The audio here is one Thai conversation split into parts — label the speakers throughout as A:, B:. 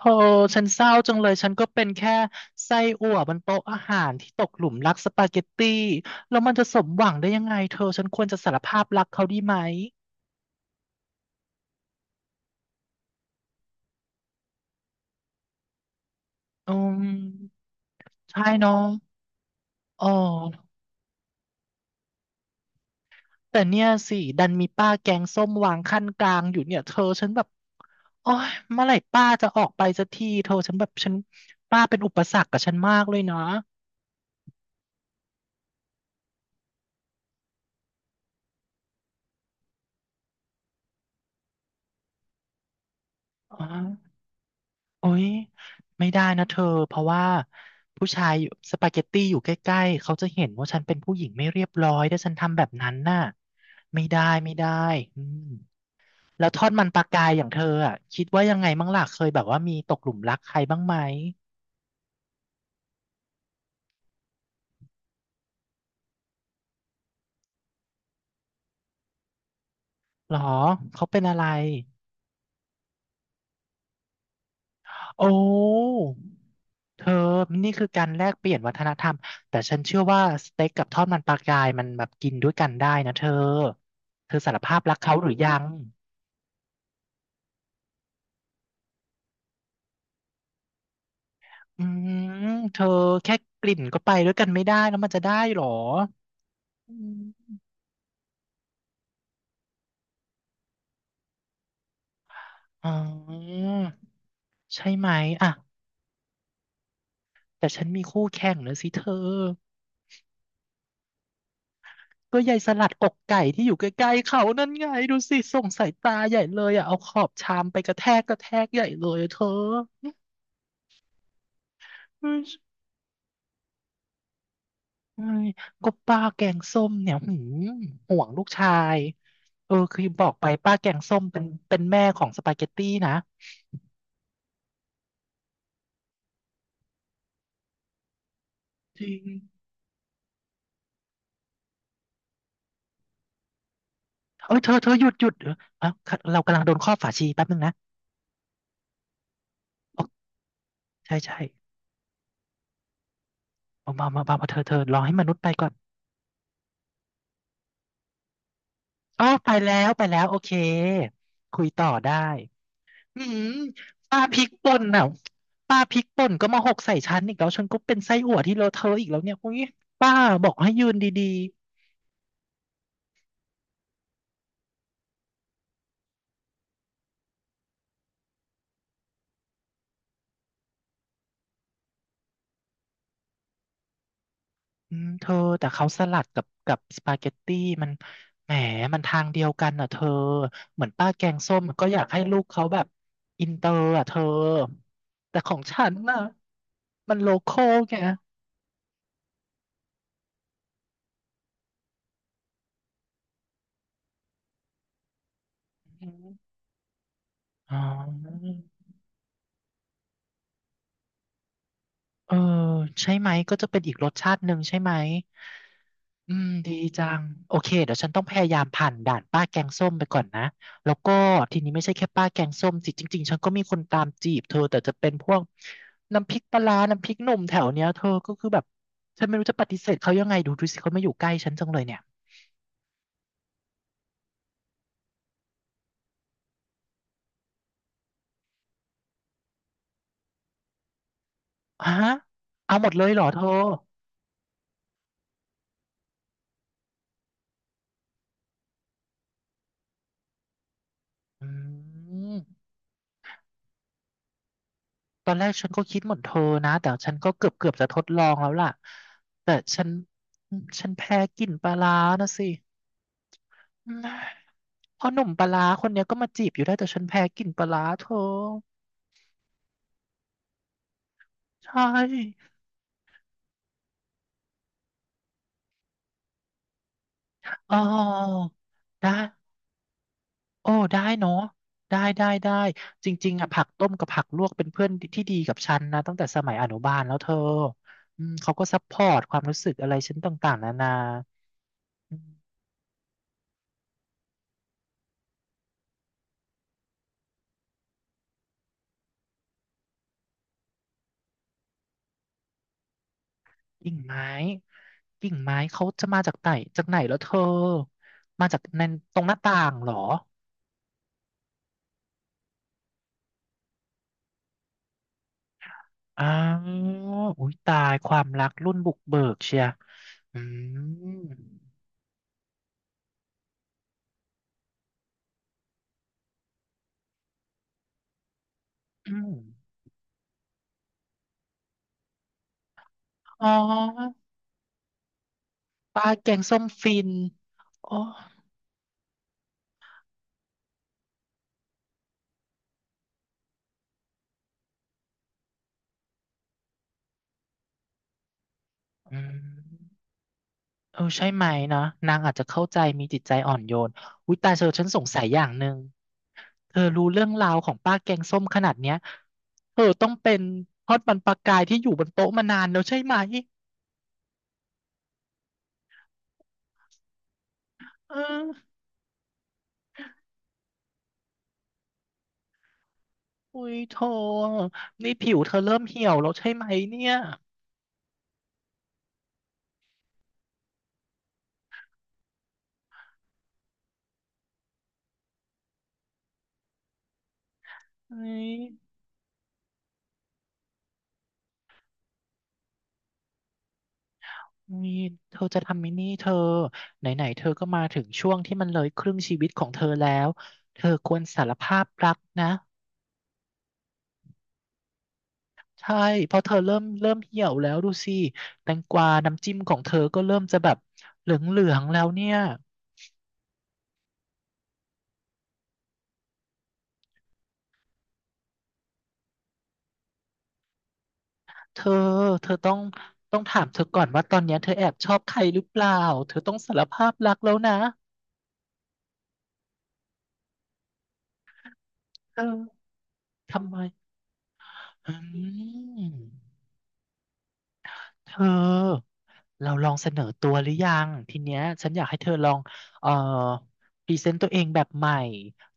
A: โอ้ฉันเศร้าจังเลย ฉันก็เป็นแค่ไส้อั่วบนโต๊ะอาหารที่ตกหลุมรักสปาเกตตี้แล้วมันจะสมหวังได้ยังไงเธอ ฉันควรจะสารภาพรักเขาดีไหมอืมใช่เน้องอ๋อแต่เนี่ยสิ ดันมีป้าแกงส้มวางขั้นกลางอยู่เนี่ย เธอฉันแบบโอ้ยเมื่อไหร่ป้าจะออกไปสักทีเธอฉันแบบ ฉันป้าเป็นอุปสรรคกับฉันมากเลยนะอ๋อ โอ๊ยไม่ได้นะเธอเพราะว่าผู้ชายอยู่สปาเกตตี้อยู่ใกล้ๆเขาจะเห็นว่าฉันเป็นผู้หญิงไม่เรียบร้อยถ้าฉันทำแบบนั้นน่ะไม่ได้ไม่ได้อืมแล้วทอดมันปลากายอย่างเธออ่ะคิดว่ายังไงบ้างล่ะเคยแบบว่ามีตกหลุมรักใครบ้างไหมหรอเขาเป็นอะไรโอ้เธอนี่คือการแลกเปลี่ยนวัฒนธรรมแต่ฉันเชื่อว่าสเต็กกับทอดมันปลากายมันแบบกินด้วยกันได้นะเธอเธอสารภาพรักเขาหรือยัง อืมเธอแค่กลิ่นก็ไปด้วยกันไม่ได้แล้วมันจะได้หรออืมอ๋อใช่ไหมอ่ะแต่ฉันมีคู่แข่งนะสิเธอก็ยายสลัดอกไก่ที่อยู่ใกล้ๆเขานั่นไงดูสิส่งสายตาใหญ่เลยอ่ะเอาขอบชามไปกระแทกกระแทกใหญ่เลยอะเธอเฮ้ยก็ป้าแกงส้มเนี่ยหืมห่วงลูกชายเออคือบอกไปป้าแกงส้มเป็นแม่ของสปาเกตตี้นะจริง เอ้ยเธอหยุดเออเอ้าเรากำลังโดนครอบฝาชีแป๊บนึงนะโอ้ใช่ใช่เอามามามามาเธอเธอรอให้มนุษย์ไปก่อนอ๋อไปแล้วไปแล้วโอเคคุยต่อได้อืมป้าพริกป่นน่ะป้าพริกป่นก็มาหกใส่ฉันอีกแล้วฉันก็เป็นไส้อั่วที่เลอะเทอะอีกแล้วเนี่ยอุ้ยป้าบอกให้ยืนดี อืมเธอแต่เขาสลัดกับสปาเกตตี้มันแหมมันทางเดียวกันอ่ะเธอเหมือนป้าแกงส้มก็อยากให้ลูกเขาแบบอินเตอร์อ่ะเธอแต่ของฉันน่ะมันโลคอลไงอืมอ๋อเออใช่ไหมก็จะเป็นอีกรสชาติหนึ่งใช่ไหม อืมดีจังโอเคเดี๋ยวฉันต้องพยายามผ่านด่านป้าแกงส้มไปก่อนนะแล้วก็ทีนี้ไม่ใช่แค่ป้าแกงส้มสิจริงๆฉันก็มีคนตามจีบเธอแต่จะเป็นพวกน้ำพริกปลาร้าน้ำพริกหนุ่มแถวเนี้ยเธอก็คือแบบฉันไม่รู้จะปฏิเสธเขายังไงดูดูสิเขาไม่อยู่ใกล้ฉันจังเลยเนี่ยฮะเอาหมดเลยเหรอเธออืมตอนแรกฉันก็คิดเหมือนเธอนะแต่ฉันก็เกือบจะทดลองแล้วล่ะแต่ฉันฉันแพ้กลิ่นปลาร้านะสิ พอหนุ่มปลาร้าคนเนี้ยก็มาจีบอยู่ได้แต่ฉันแพ้กลิ่นปลาร้าเธอใช่อ๋อได้โอ้ได้เนาะได้ได้ได้จริงๆอ่ะผักต้มกับผักลวกเป็นเพื่อนที่ดีกับฉันนะตั้งแต่สมัยอนุบาลแล้วเธออืมเขาก็ซัพพอร์ตความรู้สึกอะไรฉันต่างๆนานาอืมกิ่งไม้กิ่งไม้เขาจะมาจากไหนจากไหนแล้วเธอมาจากในตรงหน้าต่างเหรอ อ้าวอุ้ยตายความรักรุ่นบุกเบิกเชียอืมอืมอ๋อปลาแกงส้มฟินอ๋ออืมเออใช่ไหมเนาะนางอาจจะเข้าใจมีจิตใจอ่อนโยนอุ้ยตายเธอฉันสงสัยอย่างหนึ่งเธอรู้เรื่องราวของป้าแกงส้มขนาดเนี้ยเธอต้องเป็นทอดมันปลากายที่อยู่บนโต๊ะมานานแล้วใช่ไหมเอออุ้ยโธ่นี่ผิวเธอเริ่มเหี่ยวแล้วใช่ไหมเนี่ยเอ้ย มีเธอจะทำไหมินี่เธอไหนๆเธอก็มาถึงช่วงที่มันเลยครึ่งชีวิตของเธอแล้วเธอควรสารภาพรักนะใช่เพราะเธอเริ่มเหี่ยวแล้วดูสิแตงกวาน้ำจิ้มของเธอก็เริ่มจะแบบเหลืองๆแล้วเนี่ยเธอเธอต้องถามเธอก่อนว่าตอนเนี้ยเธอแอบชอบใครหรือเปล่าเธอต้องสารภาพรักแล้วนะเออทำไมอืม เธอ เราลองเสนอตัวหรือยังทีเนี้ยฉันอยากให้เธอลองเอ่อพรีเซนต์ตัวเองแบบใหม่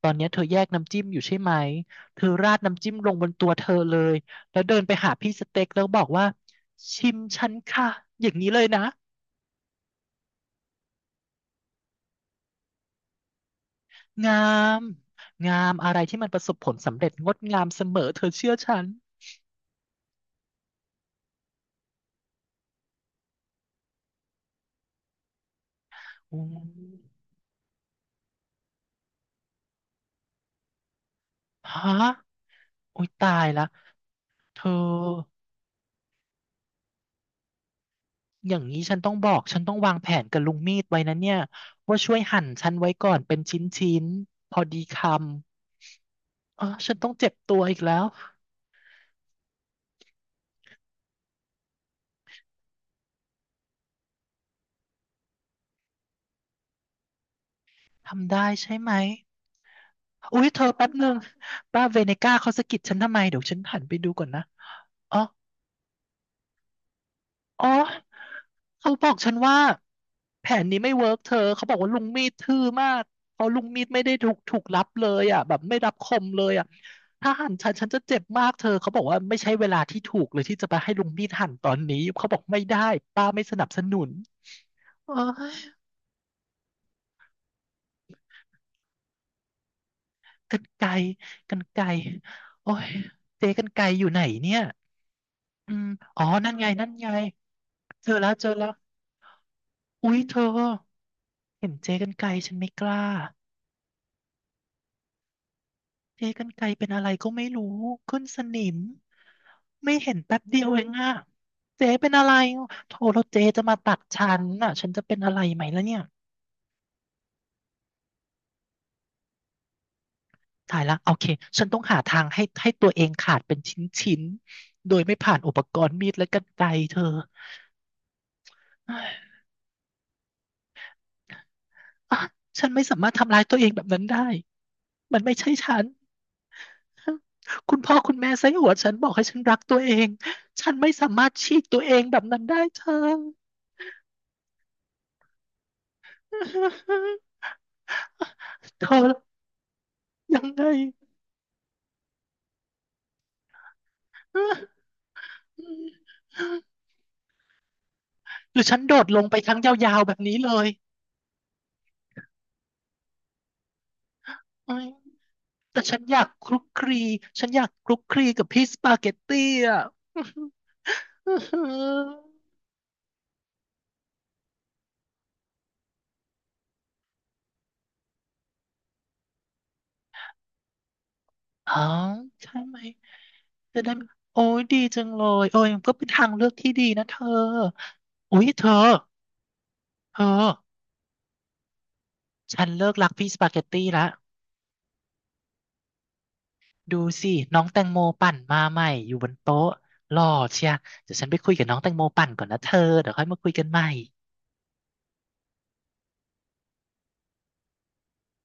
A: ตอนเนี้ยเธอแยกน้ำจิ้มอยู่ใช่ไหมเธอราดน้ำจิ้มลงบนตัวเธอเลยแล้วเดินไปหาพี่สเต็กแล้วบอกว่าชิมฉันค่ะอย่างนี้เลยนะงามงามอะไรที่มันประสบผลสำเร็จงดงามเสมอเธอเชื่อฉันอืมฮะโอ้ยตายละเธอ อย่างนี้ฉันต้องบอกฉันต้องวางแผนกับลุงมีดไว้นะเนี่ยว่าช่วยหั่นฉันไว้ก่อนเป็นชิ้นๆพอดีคำอ๋อฉันต้องเจ็บตัวอีกแล้วทำได้ใช่ไหมอุ๊ยเธอแป๊บนึงป้าเวเนก้าเขาสะกิดฉันทำไมเดี๋ยวฉันหันไปดูก่อนนะอ๋อ อ๋อเขาบอกฉันว่าแผนนี้ไม่เวิร์กเธอ เขาบอกว่าลุงมีดทื่อมากเพราะลุงมีดไม่ได้ถูกรับเลยอ่ะแบบไม่รับคมเลยอ่ะถ้าหั่นฉันฉันจะเจ็บมากเธอเขาบอกว่าไม่ใช่เวลาที่ถูกเลยที่จะไปให้ลุงมีดหั่นตอนนี้เขาบอกไม่ได้ป้าไม่สนับสนุนโอ้ยกรรไกรกรรไกรโอ้ยเจ๊กรรไกรอยู่ไหนเนี่ยอืมอ๋อนั่นไงเจอแล้วอุ๊ยเธอเห็นเจ๊กรรไกรฉันไม่กล้า เจ๊กรรไกรเป็นอะไรก็ไม่รู้ขึ้นสนิมไม่เห็นแป๊บเดียวเองอะเจ๊เป็นอะไรโทรแล้วเจ๊จะมาตัดฉันน่ะฉันจะเป็นอะไรไหมแล้วเนี่ยตายละโอเคฉันต้องหาทางให้ตัวเองขาดเป็นชิ้นๆ้โดยไม่ผ่านอุปกรณ์มีดและกรรไกรเธออ่ะฉันไม่สามารถทำร้ายตัวเองแบบนั้นได้มันไม่ใช่ฉันคุณพ่อคุณแม่ไส้อั่วฉันบอกให้ฉันรักตัวเองฉันไม่สามารถฉีกตัวเองแบบนั้นได้เธอ เธอ ยังไงหรือฉันโดดลงไปครั้งยาวๆแบบนี้เลยเอ้ยแต่ฉันอยากคลุกคลีฉันอยากคลุกคลีกับพี่สปาเกตตี้อ่ะ อ๋อใช่ไหมจะได้โอ้ยดีจังเลยเอนก็เป็นทางเลือกที่ดีนะเธอโอ้ยเธอเธอฉันเลิกรักพี่สปาเกตตี้ละ ดูสิน้องแตงโมปั่นมาใหม่อยู่บนโต๊ะหล่อเชียเดี๋ยวฉันไปคุยกับน้องแตงโมปั่นก่อนนะเธอเดี๋ยวค่อยมาคุยกันใหม่